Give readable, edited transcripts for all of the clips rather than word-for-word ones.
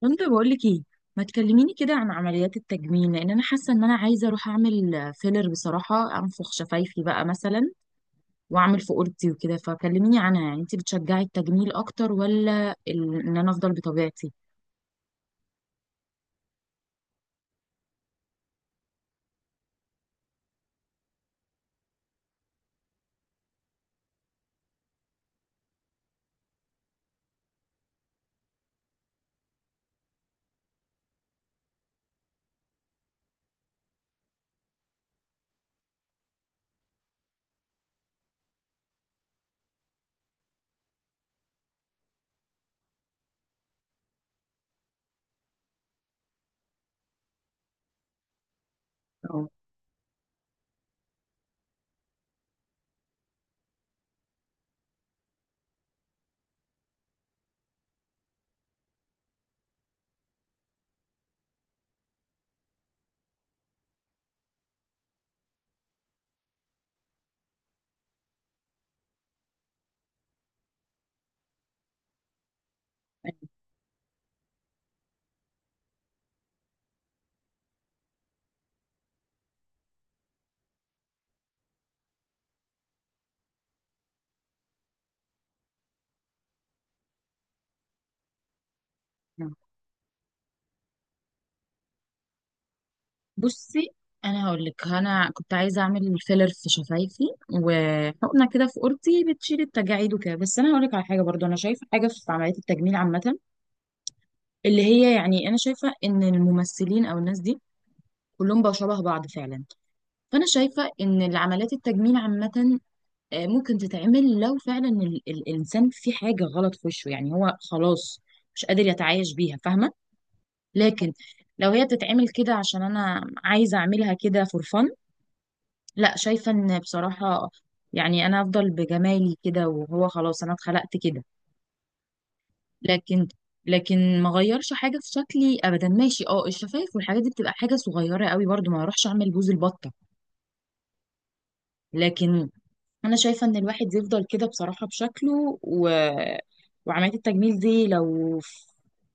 كنت بقول لك ايه؟ ما تكلميني كده عن عمليات التجميل، لان انا حاسه ان انا عايزه اروح اعمل فيلر بصراحه، انفخ شفايفي بقى مثلا، واعمل في اوضتي وكده. فكلميني عنها، يعني انت بتشجعي التجميل اكتر ولا ان انا افضل بطبيعتي؟ اه. أيوة. بصي، انا هقول لك، انا كنت عايزه اعمل فيلر في شفايفي وحقنه كده في اوضتي بتشيل التجاعيد وكده. بس انا هقول لك على حاجه برضو، انا شايفه حاجه في عمليات التجميل عامه، اللي هي يعني انا شايفه ان الممثلين او الناس دي كلهم بقوا شبه بعض فعلا. فانا شايفه ان العمليات التجميل عامه ممكن تتعمل لو فعلا الانسان في حاجه غلط في وشه، يعني هو خلاص مش قادر يتعايش بيها، فاهمه؟ لكن لو هي بتتعمل كده عشان انا عايزه اعملها كده فور فن، لا، شايفه ان بصراحه يعني انا افضل بجمالي كده، وهو خلاص انا اتخلقت كده. لكن ما غيرش حاجه في شكلي ابدا. ماشي، اه، الشفايف والحاجات دي بتبقى حاجه صغيره قوي، برضو ما اروحش اعمل بوز البطه. لكن انا شايفه ان الواحد يفضل كده بصراحه بشكله، و... وعمليه التجميل دي لو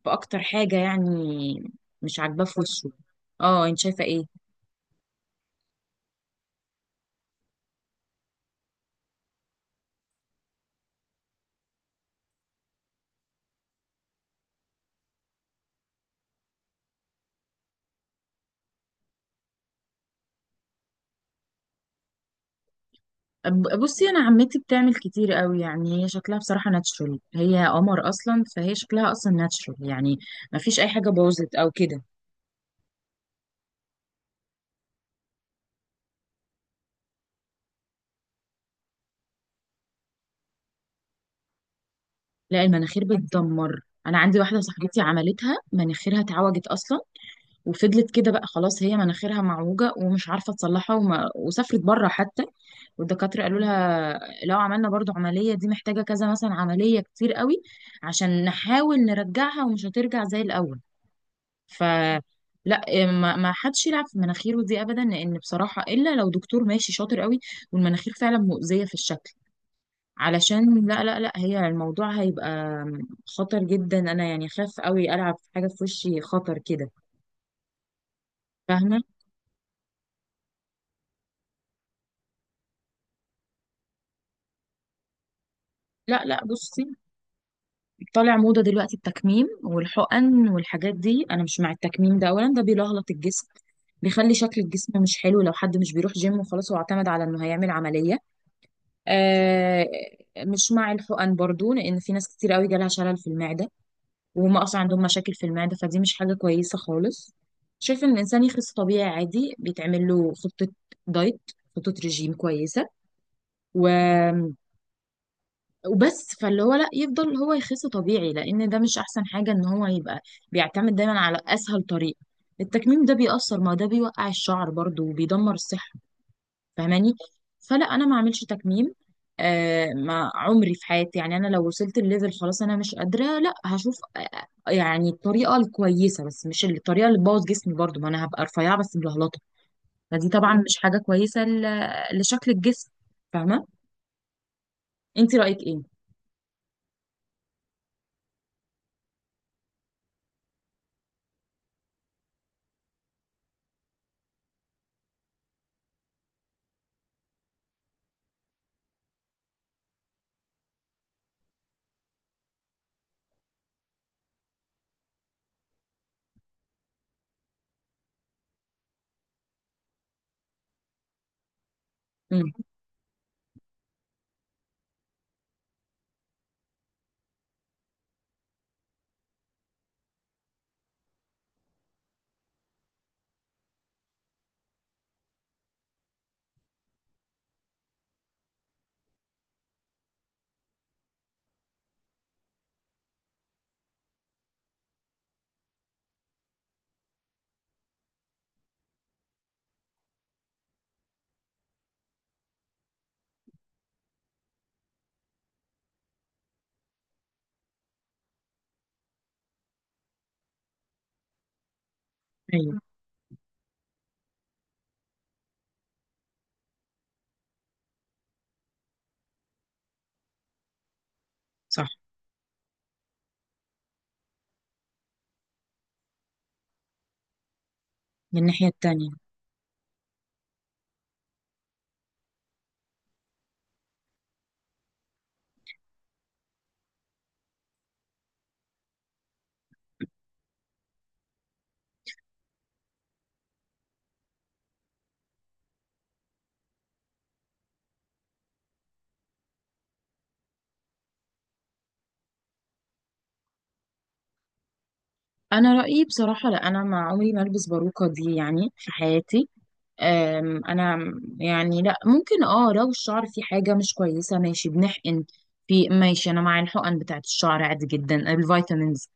في اكتر حاجه يعني مش عاجباه في وشه. اه، انت شايفه ايه؟ بصي، انا عمتي بتعمل كتير قوي، يعني هي شكلها بصراحه ناتشورال، هي قمر اصلا، فهي شكلها اصلا ناتشورال يعني، ما فيش اي حاجه باظت او كده. لا، المناخير بتدمر. انا عندي واحده صاحبتي عملتها، مناخيرها اتعوجت اصلا وفضلت كده بقى خلاص، هي مناخيرها معوجة ومش عارفة تصلحها، وما وسافرت بره حتى، والدكاترة قالوا لها لو عملنا برضو عملية دي محتاجة كذا مثلا عملية كتير قوي عشان نحاول نرجعها، ومش هترجع زي الأول. ف لا، ما حدش يلعب في مناخيره دي ابدا، لان بصراحه الا لو دكتور ماشي شاطر قوي والمناخير فعلا مؤذيه في الشكل، علشان لا لا لا، هي الموضوع هيبقى خطر جدا. انا يعني خاف قوي العب في حاجه في وشي خطر كده، فاهمه؟ لا لا، بصي، طالع موضة دلوقتي التكميم والحقن والحاجات دي. انا مش مع التكميم ده، اولا ده بيلهلط الجسم، بيخلي شكل الجسم مش حلو، لو حد مش بيروح جيم وخلاص هو اعتمد على انه هيعمل عملية. آه، مش مع الحقن برضو، لان في ناس كتير قوي جالها شلل في المعدة، وهم اصلا عندهم مشاكل في المعدة، فدي مش حاجة كويسة خالص. شايف ان الانسان يخس طبيعي عادي، بيتعمل له خطة دايت، خطة رجيم كويسة، و وبس. فاللي هو لا، يفضل هو يخس طبيعي، لان ده مش احسن حاجه ان هو يبقى بيعتمد دايما على اسهل طريقه. التكميم ده بيأثر، ما ده بيوقع الشعر برضو وبيدمر الصحه، فاهماني؟ فلا، انا ما اعملش تكميم آه ما عمري في حياتي. يعني انا لو وصلت الليفل خلاص انا مش قادره، لا هشوف يعني الطريقه الكويسه، بس مش الطريقه اللي تبوظ جسمي برضو، ما انا هبقى رفيعه بس ملهلطه، فدي طبعا مش حاجه كويسه لشكل الجسم، فاهمه؟ انت رأيك ايه؟ امم. ايوه صح. من الناحية التانية، أنا رأيي بصراحة لا، أنا ما عمري ما ألبس باروكة دي يعني في حياتي. أنا يعني، لا ممكن اه لو الشعر فيه حاجة مش كويسة ماشي بنحقن في، ماشي، أنا مع الحقن بتاعت الشعر عادي جدا، الفيتامينز،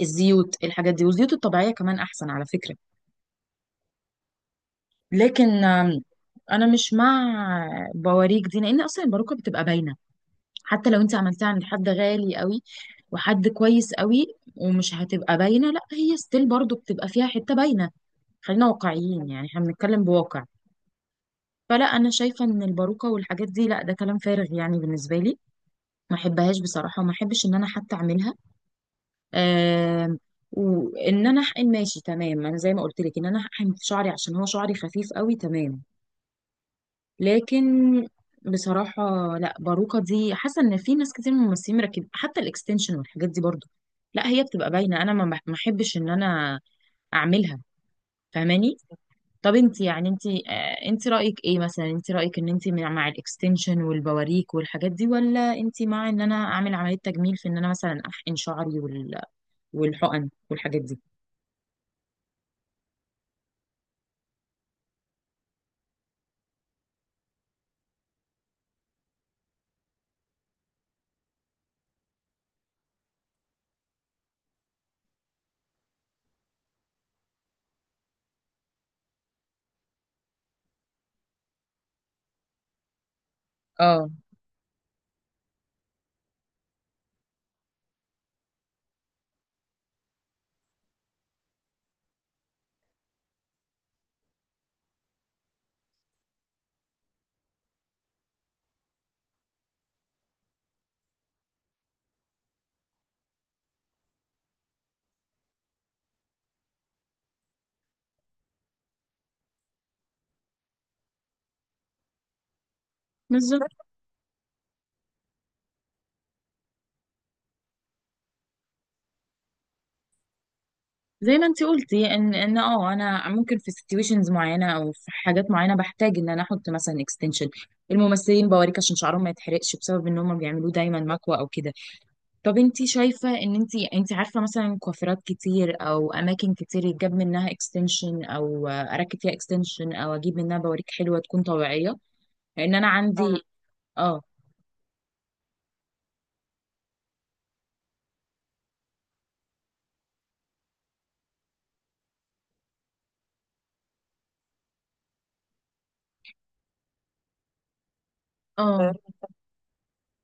الزيوت، الحاجات دي، والزيوت الطبيعية كمان أحسن على فكرة. لكن أنا مش مع بواريك دي، لأن أصلا الباروكة بتبقى باينة، حتى لو انت عملتها عند حد غالي قوي وحد كويس قوي ومش هتبقى باينه، لا، هي ستيل برضو بتبقى فيها حته باينه. خلينا واقعيين، يعني احنا بنتكلم بواقع. فلا، انا شايفه ان الباروكه والحاجات دي لا، ده كلام فارغ يعني بالنسبه لي، ما احبهاش بصراحه، وما احبش ان انا حتى اعملها. آم، وان انا احقن ماشي تمام، انا زي ما قلت لك ان انا احقن في شعري عشان هو شعري خفيف قوي، تمام. لكن بصراحة لا، باروكة دي حاسة ان في ناس كتير من الممثلين مركبين حتى الاكستنشن والحاجات دي برضو، لا، هي بتبقى باينة. انا ما احبش ان انا اعملها، فاهماني؟ طب انت يعني انت انت رأيك ايه مثلا؟ انت رأيك ان انت مع الاكستنشن والبواريك والحاجات دي، ولا انت مع ان انا اعمل عملية تجميل في ان انا مثلا احقن شعري والحقن والحاجات دي؟ اه، بالظبط. زي ما انت قلتي ان ان انا ممكن في سيتويشنز معينه او في حاجات معينه بحتاج ان انا احط مثلا اكستنشن، الممثلين بوريك عشان شعرهم ما يتحرقش بسبب ان هم بيعملوه دايما مكوى او كده. طب انت شايفه ان انت عارفه مثلا كوافيرات كتير او اماكن كتير يتجاب منها اكستنشن، او اركب فيها اكستنشن، او اجيب منها بوريك حلوه تكون طبيعيه؟ لان انا عندي اه، اه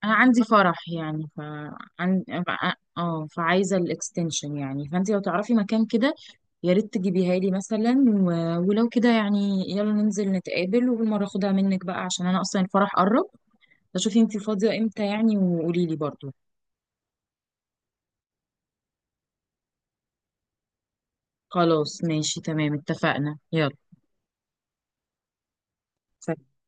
انا عندي فرح يعني، ف عن... ف- اه فعايزه الاكستنشن يعني. فانت لو تعرفي مكان كده يا ريت تجيبيها لي مثلا، و... ولو كده يعني يلا ننزل نتقابل وبالمره اخدها منك بقى، عشان انا اصلا الفرح قرب. فشوفي انت فاضيه امتى يعني وقولي لي برضو. خلاص ماشي تمام، اتفقنا، يلا. سلام.